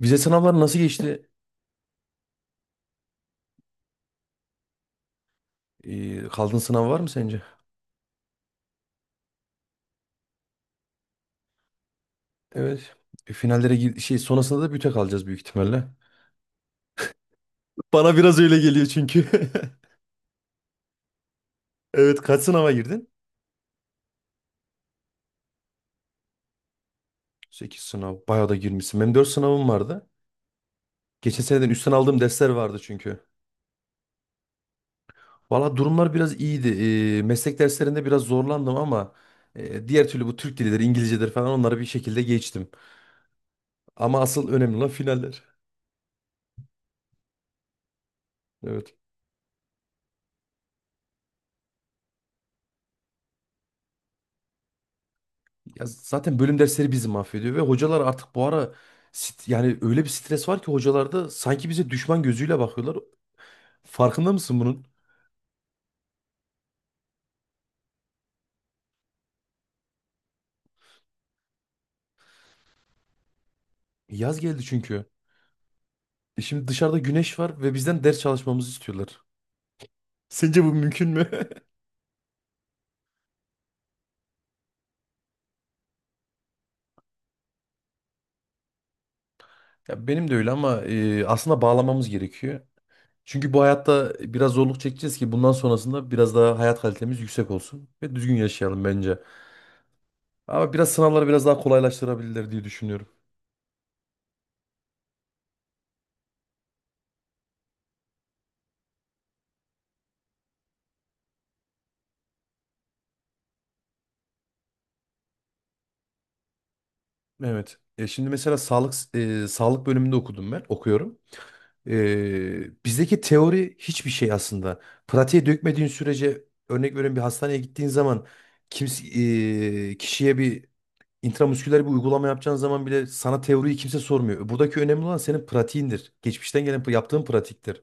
Vize sınavları nasıl geçti? Kaldığın sınav var mı sence? Evet. E, finallere gir- şey sonrasında da büte kalacağız büyük ihtimalle. Bana biraz öyle geliyor çünkü. Evet, kaç sınava girdin? 8 sınav. Bayağı da girmişsin. Benim 4 sınavım vardı. Geçen seneden üstten aldığım dersler vardı çünkü. Valla durumlar biraz iyiydi. Meslek derslerinde biraz zorlandım ama diğer türlü bu Türk dilidir, İngilizcedir falan onları bir şekilde geçtim. Ama asıl önemli olan finaller. Evet. Ya zaten bölüm dersleri bizi mahvediyor ve hocalar artık bu ara yani öyle bir stres var ki hocalarda sanki bize düşman gözüyle bakıyorlar. Farkında mısın bunun? Yaz geldi çünkü. Şimdi dışarıda güneş var ve bizden ders çalışmamızı istiyorlar. Sence bu mümkün mü? Ya benim de öyle ama aslında bağlamamız gerekiyor. Çünkü bu hayatta biraz zorluk çekeceğiz ki bundan sonrasında biraz daha hayat kalitemiz yüksek olsun ve düzgün yaşayalım bence. Ama biraz sınavları biraz daha kolaylaştırabilirler diye düşünüyorum. Evet. Şimdi mesela sağlık sağlık bölümünde okudum ben, okuyorum. Bizdeki teori hiçbir şey aslında. Pratiğe dökmediğin sürece örnek veriyorum bir hastaneye gittiğin zaman kimse kişiye bir intramusküler bir uygulama yapacağın zaman bile sana teoriyi kimse sormuyor. Buradaki önemli olan senin pratiğindir. Geçmişten gelen yaptığın pratiktir.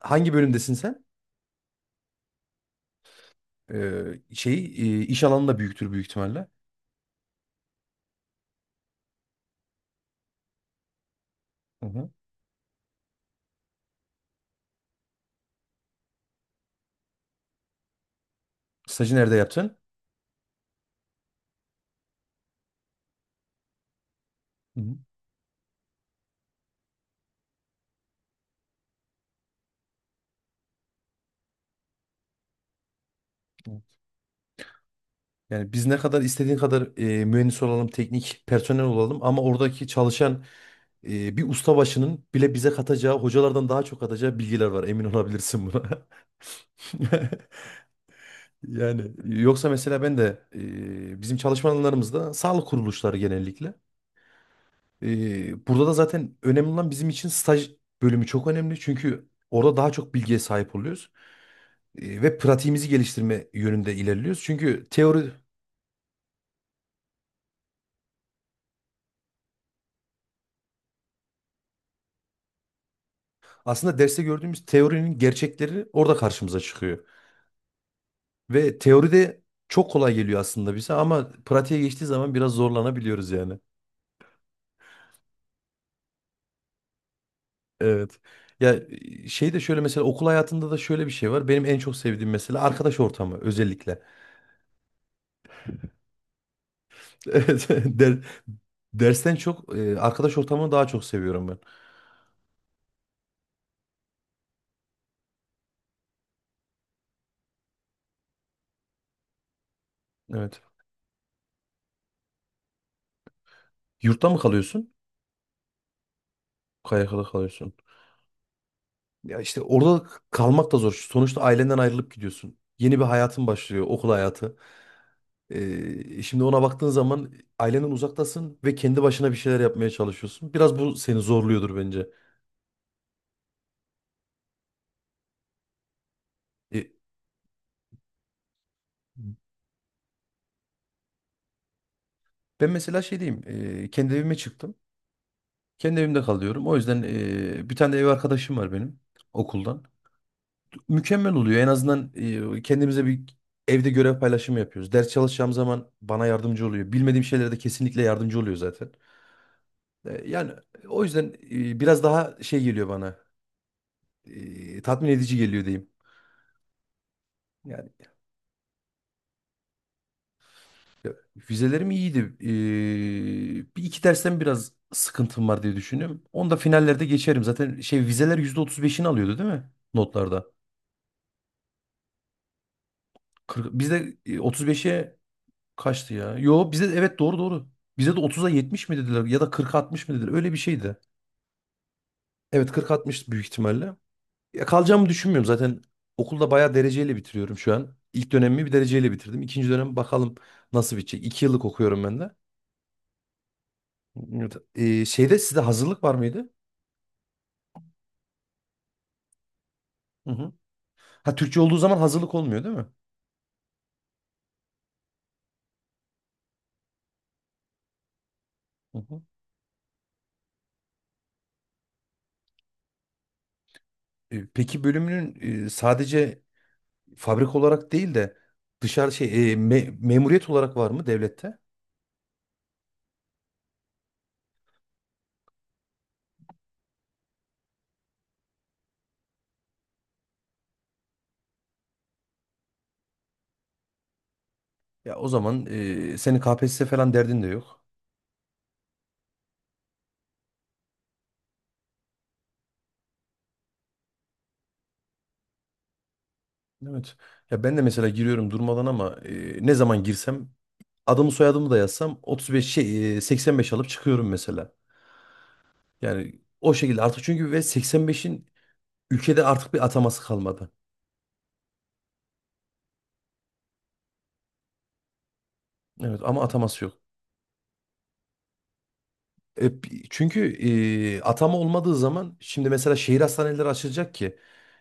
Hangi bölümdesin sen? E, şeyi e, iş alanında büyüktür büyük ihtimalle. Hı hı. Stajı nerede yaptın? Hı hı. Yani biz ne kadar istediğin kadar mühendis olalım, teknik personel olalım ama oradaki çalışan bir ustabaşının bile bize katacağı, hocalardan daha çok katacağı bilgiler var. Emin olabilirsin buna. Yani yoksa mesela ben de bizim çalışma alanlarımızda sağlık kuruluşları genellikle. Burada da zaten önemli olan bizim için staj bölümü çok önemli. Çünkü orada daha çok bilgiye sahip oluyoruz. Ve pratiğimizi geliştirme yönünde ilerliyoruz. Çünkü teori. Aslında derste gördüğümüz teorinin gerçekleri orada karşımıza çıkıyor. Ve teoride çok kolay geliyor aslında bize ama pratiğe geçtiği zaman biraz zorlanabiliyoruz yani. Evet. Ya şey de şöyle mesela okul hayatında da şöyle bir şey var. Benim en çok sevdiğim mesela arkadaş ortamı özellikle. Evet. Dersten çok arkadaş ortamını daha çok seviyorum ben. Evet. Yurtta mı kalıyorsun? KYK'da kalıyorsun. Ya işte orada kalmak da zor. Sonuçta ailenden ayrılıp gidiyorsun. Yeni bir hayatın başlıyor, okul hayatı. Şimdi ona baktığın zaman ailenden uzaktasın ve kendi başına bir şeyler yapmaya çalışıyorsun. Biraz bu seni zorluyordur bence. Ee, ben mesela şey diyeyim, kendi evime çıktım. Kendi evimde kalıyorum. O yüzden bir tane de ev arkadaşım var benim okuldan. Mükemmel oluyor. En azından kendimize bir evde görev paylaşımı yapıyoruz. Ders çalışacağım zaman bana yardımcı oluyor. Bilmediğim şeylere de kesinlikle yardımcı oluyor zaten. Yani o yüzden biraz daha şey geliyor bana. Tatmin edici geliyor diyeyim. Yani. Ya, vizelerim iyiydi. Bir iki dersten biraz sıkıntım var diye düşünüyorum. Onu da finallerde geçerim. Zaten vizeler %35'ini alıyordu değil mi? Notlarda. 40, bizde otuz beşe kaçtı ya? Yo bizde evet, doğru doğru. Bize de otuz'a 70 mi dediler ya da kırk altmış mı dediler? Öyle bir şeydi. Evet, kırk altmış büyük ihtimalle. Ya kalacağımı düşünmüyorum zaten. Okulda bayağı dereceyle bitiriyorum şu an. İlk dönemimi bir dereceyle bitirdim. İkinci dönem bakalım nasıl bitecek. 2 yıllık okuyorum ben de. Evet. Şeyde sizde hazırlık var mıydı? Hı hı. Ha, Türkçe olduğu zaman hazırlık olmuyor değil mi? Hı hı. Peki bölümünün sadece fabrika olarak değil de dışarı memuriyet olarak var mı devlette? Ya o zaman senin KPSS falan derdin de yok. Evet. Ya ben de mesela giriyorum durmadan ama ne zaman girsem adımı soyadımı da yazsam 35 85 alıp çıkıyorum mesela. Yani o şekilde artık çünkü ve 85'in ülkede artık bir ataması kalmadı. Evet, ama ataması yok. E, çünkü atama olmadığı zaman şimdi mesela şehir hastaneleri açılacak ki.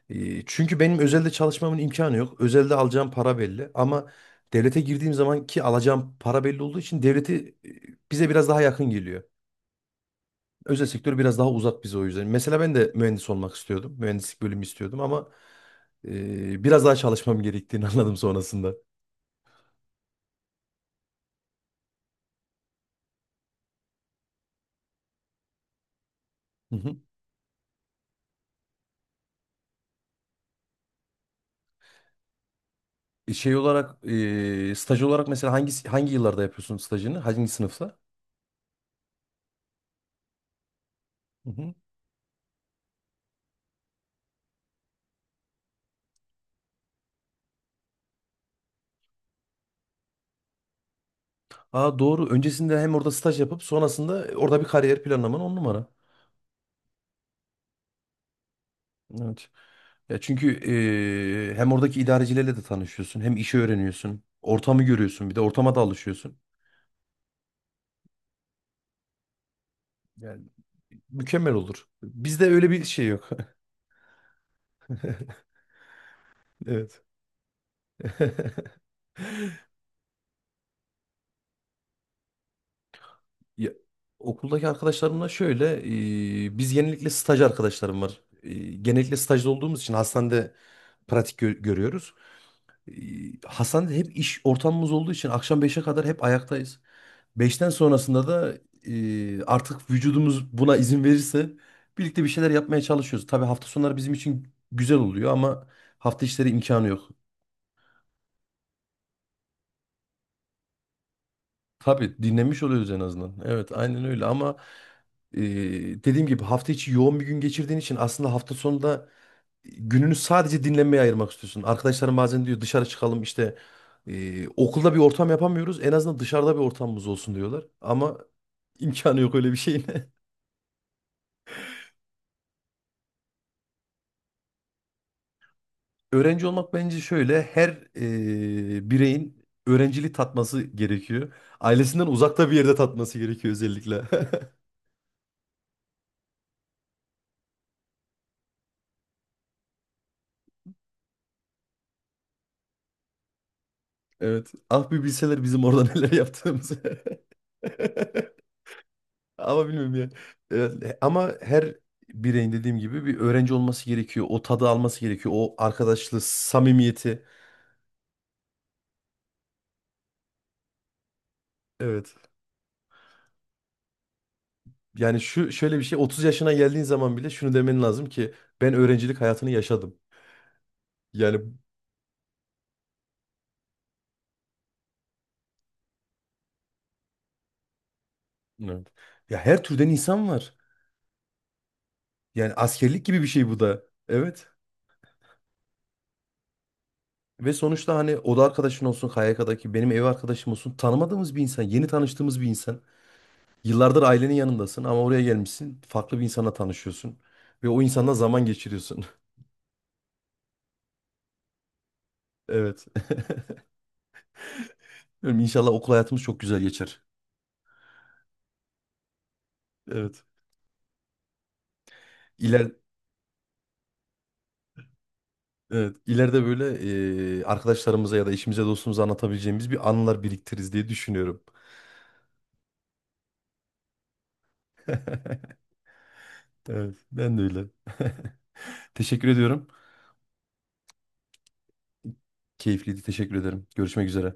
Çünkü benim özelde çalışmamın imkanı yok. Özelde alacağım para belli ama devlete girdiğim zaman ki alacağım para belli olduğu için devleti bize biraz daha yakın geliyor. Özel sektör biraz daha uzak bize o yüzden. Mesela ben de mühendis olmak istiyordum. Mühendislik bölümü istiyordum ama biraz daha çalışmam gerektiğini anladım sonrasında. Hı hı. E, Şey olarak staj olarak mesela hangi yıllarda yapıyorsun stajını? Hangi sınıfta? Aa, doğru. Öncesinde hem orada staj yapıp sonrasında orada bir kariyer planlaman on numara. Evet. Ya çünkü hem oradaki idarecilerle de tanışıyorsun, hem işi öğreniyorsun, ortamı görüyorsun, bir de ortama da alışıyorsun. Yani mükemmel olur. Bizde öyle bir şey yok. Evet. Ya, okuldaki arkadaşlarımla şöyle, biz genellikle staj arkadaşlarım var. Genellikle stajda olduğumuz için hastanede pratik görüyoruz. Ee, Hastanede hep iş ortamımız olduğu için akşam beşe kadar hep ayaktayız. Beşten sonrasında da artık vücudumuz buna izin verirse birlikte bir şeyler yapmaya çalışıyoruz. Tabii hafta sonları bizim için güzel oluyor ama hafta içleri imkanı yok. Tabii dinlenmiş oluyoruz en azından. Evet, aynen öyle ama e, dediğim gibi hafta içi yoğun bir gün geçirdiğin için aslında hafta sonunda gününü sadece dinlenmeye ayırmak istiyorsun. Arkadaşlarım bazen diyor dışarı çıkalım işte okulda bir ortam yapamıyoruz. En azından dışarıda bir ortamımız olsun diyorlar. Ama imkanı yok öyle bir şeyin. Öğrenci olmak bence şöyle her bireyin öğrenciliği tatması gerekiyor. Ailesinden uzakta bir yerde tatması gerekiyor özellikle. Evet. Ah, bir bilseler bizim orada neler yaptığımızı. Ama bilmiyorum ya. Evet, ama her bireyin dediğim gibi bir öğrenci olması gerekiyor. O tadı alması gerekiyor. O arkadaşlığı, samimiyeti. Evet. Yani şu şöyle bir şey 30 yaşına geldiğin zaman bile şunu demen lazım ki ben öğrencilik hayatını yaşadım. Yani. Evet. Ya, her türden insan var. Yani askerlik gibi bir şey bu da. Evet. Ve sonuçta hani oda arkadaşın olsun, KYK'daki benim ev arkadaşım olsun tanımadığımız bir insan, yeni tanıştığımız bir insan. Yıllardır ailenin yanındasın ama oraya gelmişsin. Farklı bir insana tanışıyorsun. Ve o insanla zaman geçiriyorsun. Evet. Bilmiyorum, İnşallah okul hayatımız çok güzel geçer. Evet. İler, evet. İleride böyle arkadaşlarımıza ya da eşimize dostumuza anlatabileceğimiz bir anılar biriktiririz diye düşünüyorum. Evet. Ben de öyle. Teşekkür ediyorum. Keyifliydi. Teşekkür ederim. Görüşmek üzere.